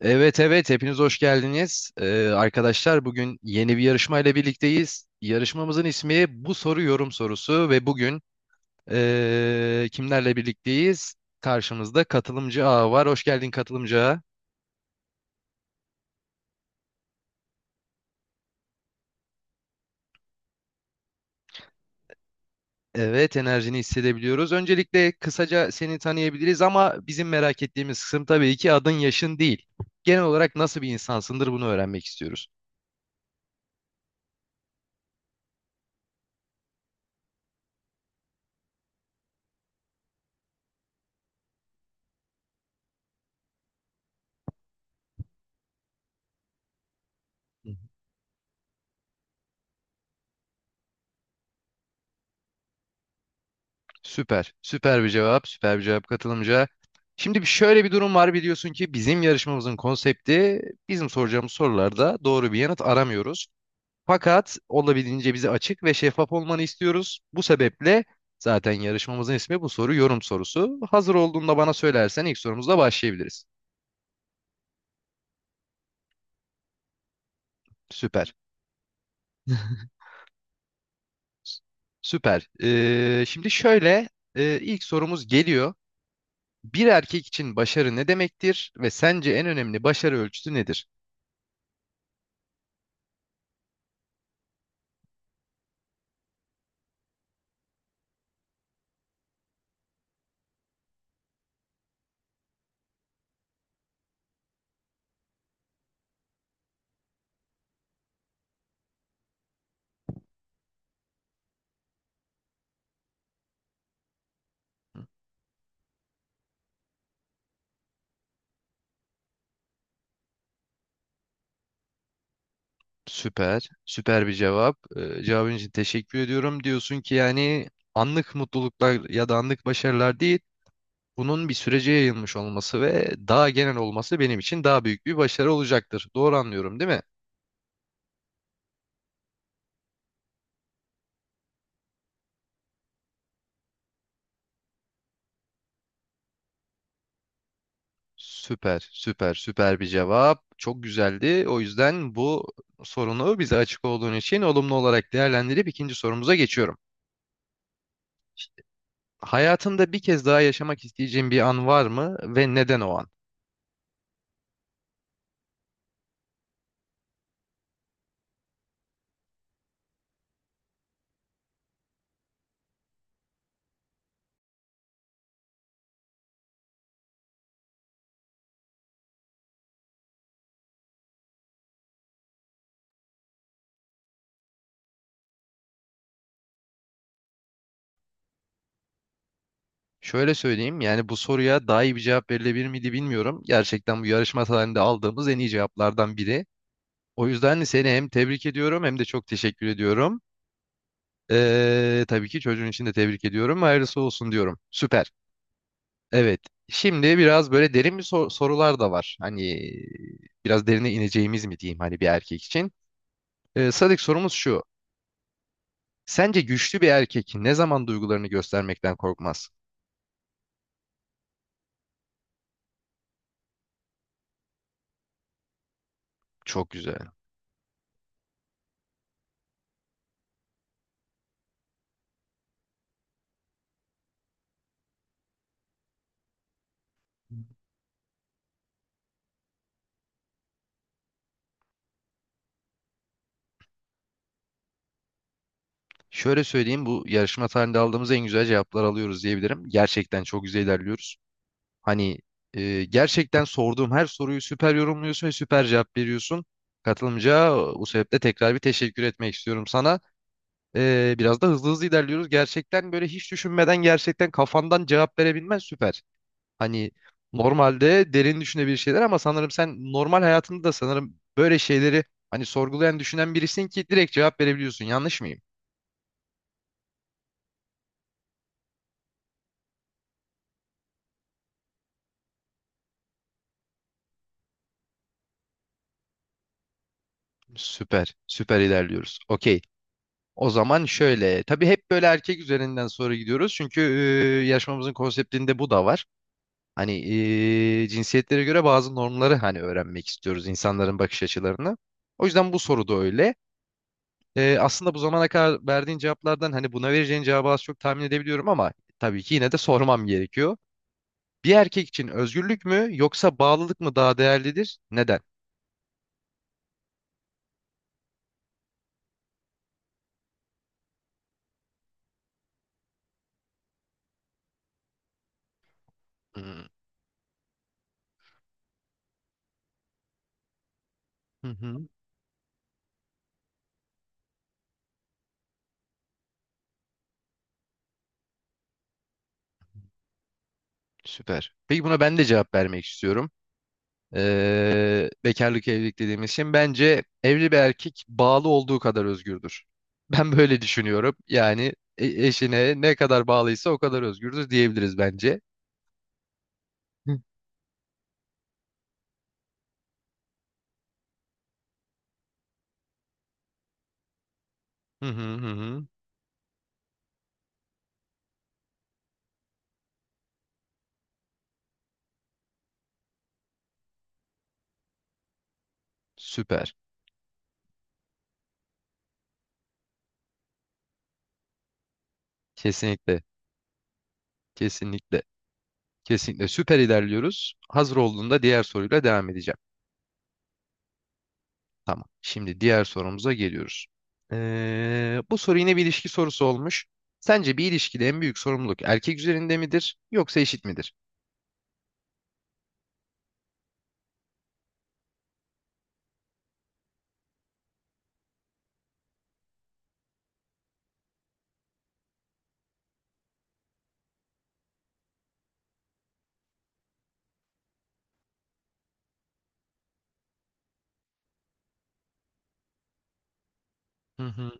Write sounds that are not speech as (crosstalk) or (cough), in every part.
Evet evet hepiniz hoş geldiniz. Arkadaşlar bugün yeni bir yarışmayla birlikteyiz. Yarışmamızın ismi Bu Soru Yorum Sorusu ve bugün kimlerle birlikteyiz? Karşımızda katılımcı A var. Hoş geldin katılımcı Ağa. Evet enerjini hissedebiliyoruz. Öncelikle kısaca seni tanıyabiliriz ama bizim merak ettiğimiz kısım tabii ki adın yaşın değil. Genel olarak nasıl bir insansındır bunu öğrenmek istiyoruz. Süper. Süper bir cevap. Süper bir cevap katılımcı. Şimdi şöyle bir durum var biliyorsun ki bizim yarışmamızın konsepti bizim soracağımız sorularda doğru bir yanıt aramıyoruz. Fakat olabildiğince bize açık ve şeffaf olmanı istiyoruz. Bu sebeple zaten yarışmamızın ismi bu soru yorum sorusu. Hazır olduğunda bana söylersen ilk sorumuzla başlayabiliriz. Süper. (laughs) S- Süper. Şimdi şöyle ilk sorumuz geliyor. Bir erkek için başarı ne demektir ve sence en önemli başarı ölçütü nedir? Süper. Süper bir cevap. Cevabın için teşekkür ediyorum. Diyorsun ki yani anlık mutluluklar ya da anlık başarılar değil, bunun bir sürece yayılmış olması ve daha genel olması benim için daha büyük bir başarı olacaktır. Doğru anlıyorum, değil mi? Süper, süper, süper bir cevap. Çok güzeldi. O yüzden bu sorunu bize açık olduğun için olumlu olarak değerlendirip ikinci sorumuza geçiyorum. Hayatında bir kez daha yaşamak isteyeceğin bir an var mı ve neden o an? Şöyle söyleyeyim yani bu soruya daha iyi bir cevap verilebilir miydi bilmiyorum. Gerçekten bu yarışma tarihinde aldığımız en iyi cevaplardan biri. O yüzden seni hem tebrik ediyorum hem de çok teşekkür ediyorum. Tabii ki çocuğun için de tebrik ediyorum. Hayırlısı olsun diyorum. Süper. Evet. Şimdi biraz böyle derin bir sorular da var. Hani biraz derine ineceğimiz mi diyeyim hani bir erkek için. Sadık sorumuz şu. Sence güçlü bir erkek ne zaman duygularını göstermekten korkmaz? Çok güzel. Şöyle söyleyeyim bu yarışma tarihinde aldığımız en güzel cevaplar alıyoruz diyebilirim. Gerçekten çok güzel ilerliyoruz. Hani gerçekten sorduğum her soruyu süper yorumluyorsun ve süper cevap veriyorsun. Katılımcıya bu sebeple tekrar bir teşekkür etmek istiyorum sana. Biraz da hızlı hızlı ilerliyoruz. Gerçekten böyle hiç düşünmeden gerçekten kafandan cevap verebilmen süper. Hani normalde derin düşünebilir şeyler ama sanırım sen normal hayatında da sanırım böyle şeyleri hani sorgulayan düşünen birisin ki direkt cevap verebiliyorsun. Yanlış mıyım? Süper. Süper ilerliyoruz. Okey. O zaman şöyle. Tabii hep böyle erkek üzerinden soru gidiyoruz. Çünkü yarışmamızın konseptinde bu da var. Hani cinsiyetlere göre bazı normları hani öğrenmek istiyoruz. İnsanların bakış açılarını. O yüzden bu soru da öyle. Aslında bu zamana kadar verdiğin cevaplardan hani buna vereceğin cevabı az çok tahmin edebiliyorum ama tabii ki yine de sormam gerekiyor. Bir erkek için özgürlük mü yoksa bağlılık mı daha değerlidir? Neden? Hmm. Hı hı. Süper. Peki buna ben de cevap vermek istiyorum. Bekarlık evlilik dediğimiz için bence evli bir erkek bağlı olduğu kadar özgürdür. (laughs) Ben böyle düşünüyorum. Yani eşine ne kadar bağlıysa o kadar özgürdür diyebiliriz bence. Hı hı hı. Hı. Süper. Kesinlikle. Kesinlikle. Kesinlikle. Süper ilerliyoruz. Hazır olduğunda diğer soruyla devam edeceğim. Tamam. Şimdi diğer sorumuza geliyoruz. Bu soru yine bir ilişki sorusu olmuş. Sence bir ilişkide en büyük sorumluluk erkek üzerinde midir yoksa eşit midir? Hı hı.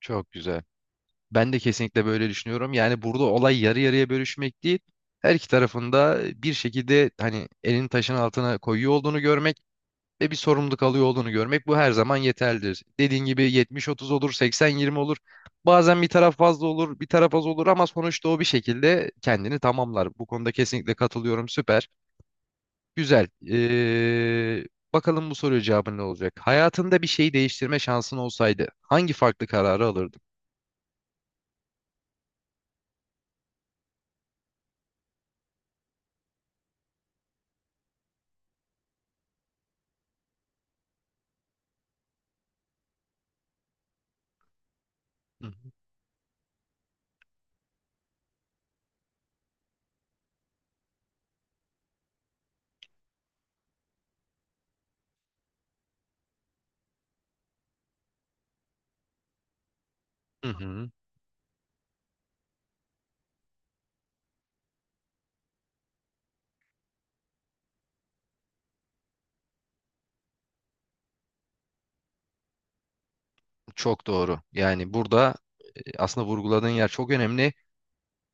Çok güzel. Ben de kesinlikle böyle düşünüyorum. Yani burada olay yarı yarıya bölüşmek değil. Her iki tarafında bir şekilde hani elini taşın altına koyuyor olduğunu görmek ve bir sorumluluk alıyor olduğunu görmek bu her zaman yeterlidir. Dediğin gibi 70-30 olur, 80-20 olur. Bazen bir taraf fazla olur, bir taraf az olur ama sonuçta o bir şekilde kendini tamamlar. Bu konuda kesinlikle katılıyorum. Süper. Güzel. Bakalım bu soruya cevabın ne olacak? Hayatında bir şeyi değiştirme şansın olsaydı hangi farklı kararı alırdın? Hı hı. Hı hı. Çok doğru. Yani burada aslında vurguladığın yer çok önemli.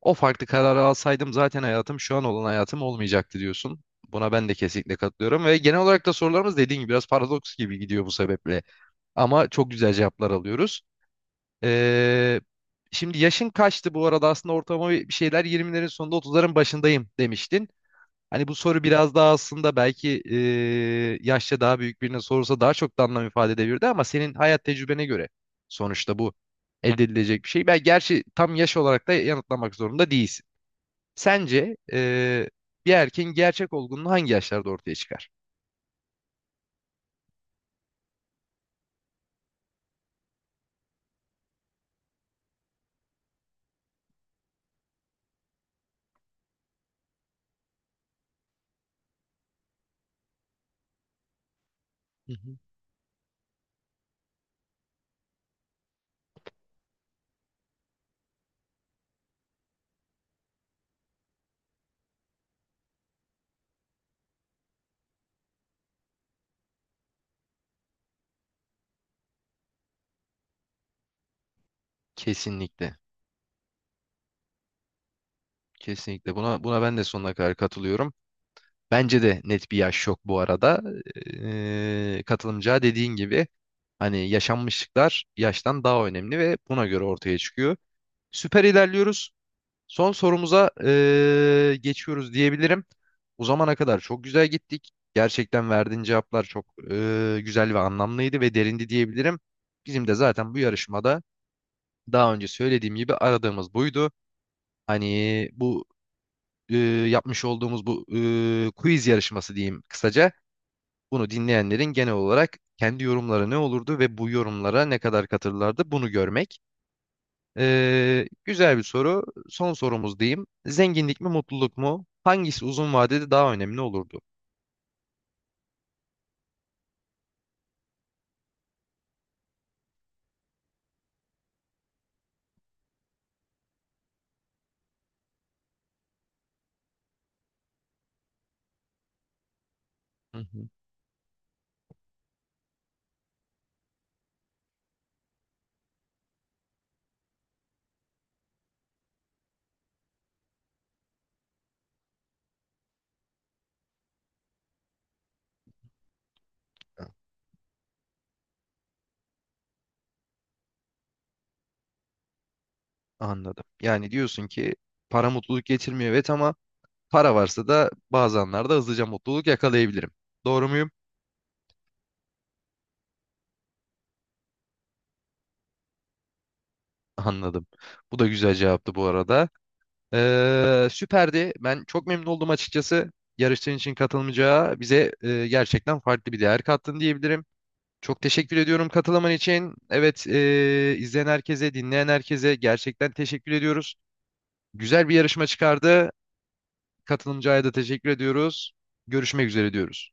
O farklı kararı alsaydım zaten hayatım şu an olan hayatım olmayacaktı diyorsun. Buna ben de kesinlikle katılıyorum ve genel olarak da sorularımız dediğin gibi biraz paradoks gibi gidiyor bu sebeple. Ama çok güzel cevaplar alıyoruz. Ee, Şimdi yaşın kaçtı bu arada aslında ortalama bir şeyler 20'lerin sonunda 30'ların başındayım demiştin. Hani bu soru biraz daha aslında belki yaşça daha büyük birine sorulsa daha çok da anlam ifade edebilirdi ama senin hayat tecrübene göre sonuçta bu elde edilecek bir şey. Ben gerçi tam yaş olarak da yanıtlamak zorunda değilsin. Sence bir erkeğin gerçek olgunluğu hangi yaşlarda ortaya çıkar? Hı hı. Kesinlikle. Kesinlikle. Buna ben de sonuna kadar katılıyorum. Bence de net bir yaş yok bu arada. Katılımcıya dediğin gibi hani yaşanmışlıklar yaştan daha önemli ve buna göre ortaya çıkıyor. Süper ilerliyoruz. Son sorumuza geçiyoruz diyebilirim. O zamana kadar çok güzel gittik. Gerçekten verdiğin cevaplar çok güzel ve anlamlıydı ve derindi diyebilirim. Bizim de zaten bu yarışmada daha önce söylediğim gibi aradığımız buydu. Hani bu e, yapmış olduğumuz bu quiz yarışması diyeyim kısaca. Bunu dinleyenlerin genel olarak kendi yorumları ne olurdu ve bu yorumlara ne kadar katırlardı bunu görmek. Güzel bir soru. Son sorumuz diyeyim. Zenginlik mi mutluluk mu? Hangisi uzun vadede daha önemli olurdu? Hı hı. Anladım. Yani diyorsun ki para mutluluk getirmiyor evet ama para varsa da bazı anlarda hızlıca mutluluk yakalayabilirim. Doğru muyum? Anladım. Bu da güzel cevaptı bu arada. Süperdi. Ben çok memnun oldum açıkçası. Yarıştığın için katılmayacağı bize gerçekten farklı bir değer kattın diyebilirim. Çok teşekkür ediyorum katılaman için. Evet, izleyen herkese, dinleyen herkese gerçekten teşekkür ediyoruz. Güzel bir yarışma çıkardı. Katılımcıya da teşekkür ediyoruz. Görüşmek üzere diyoruz.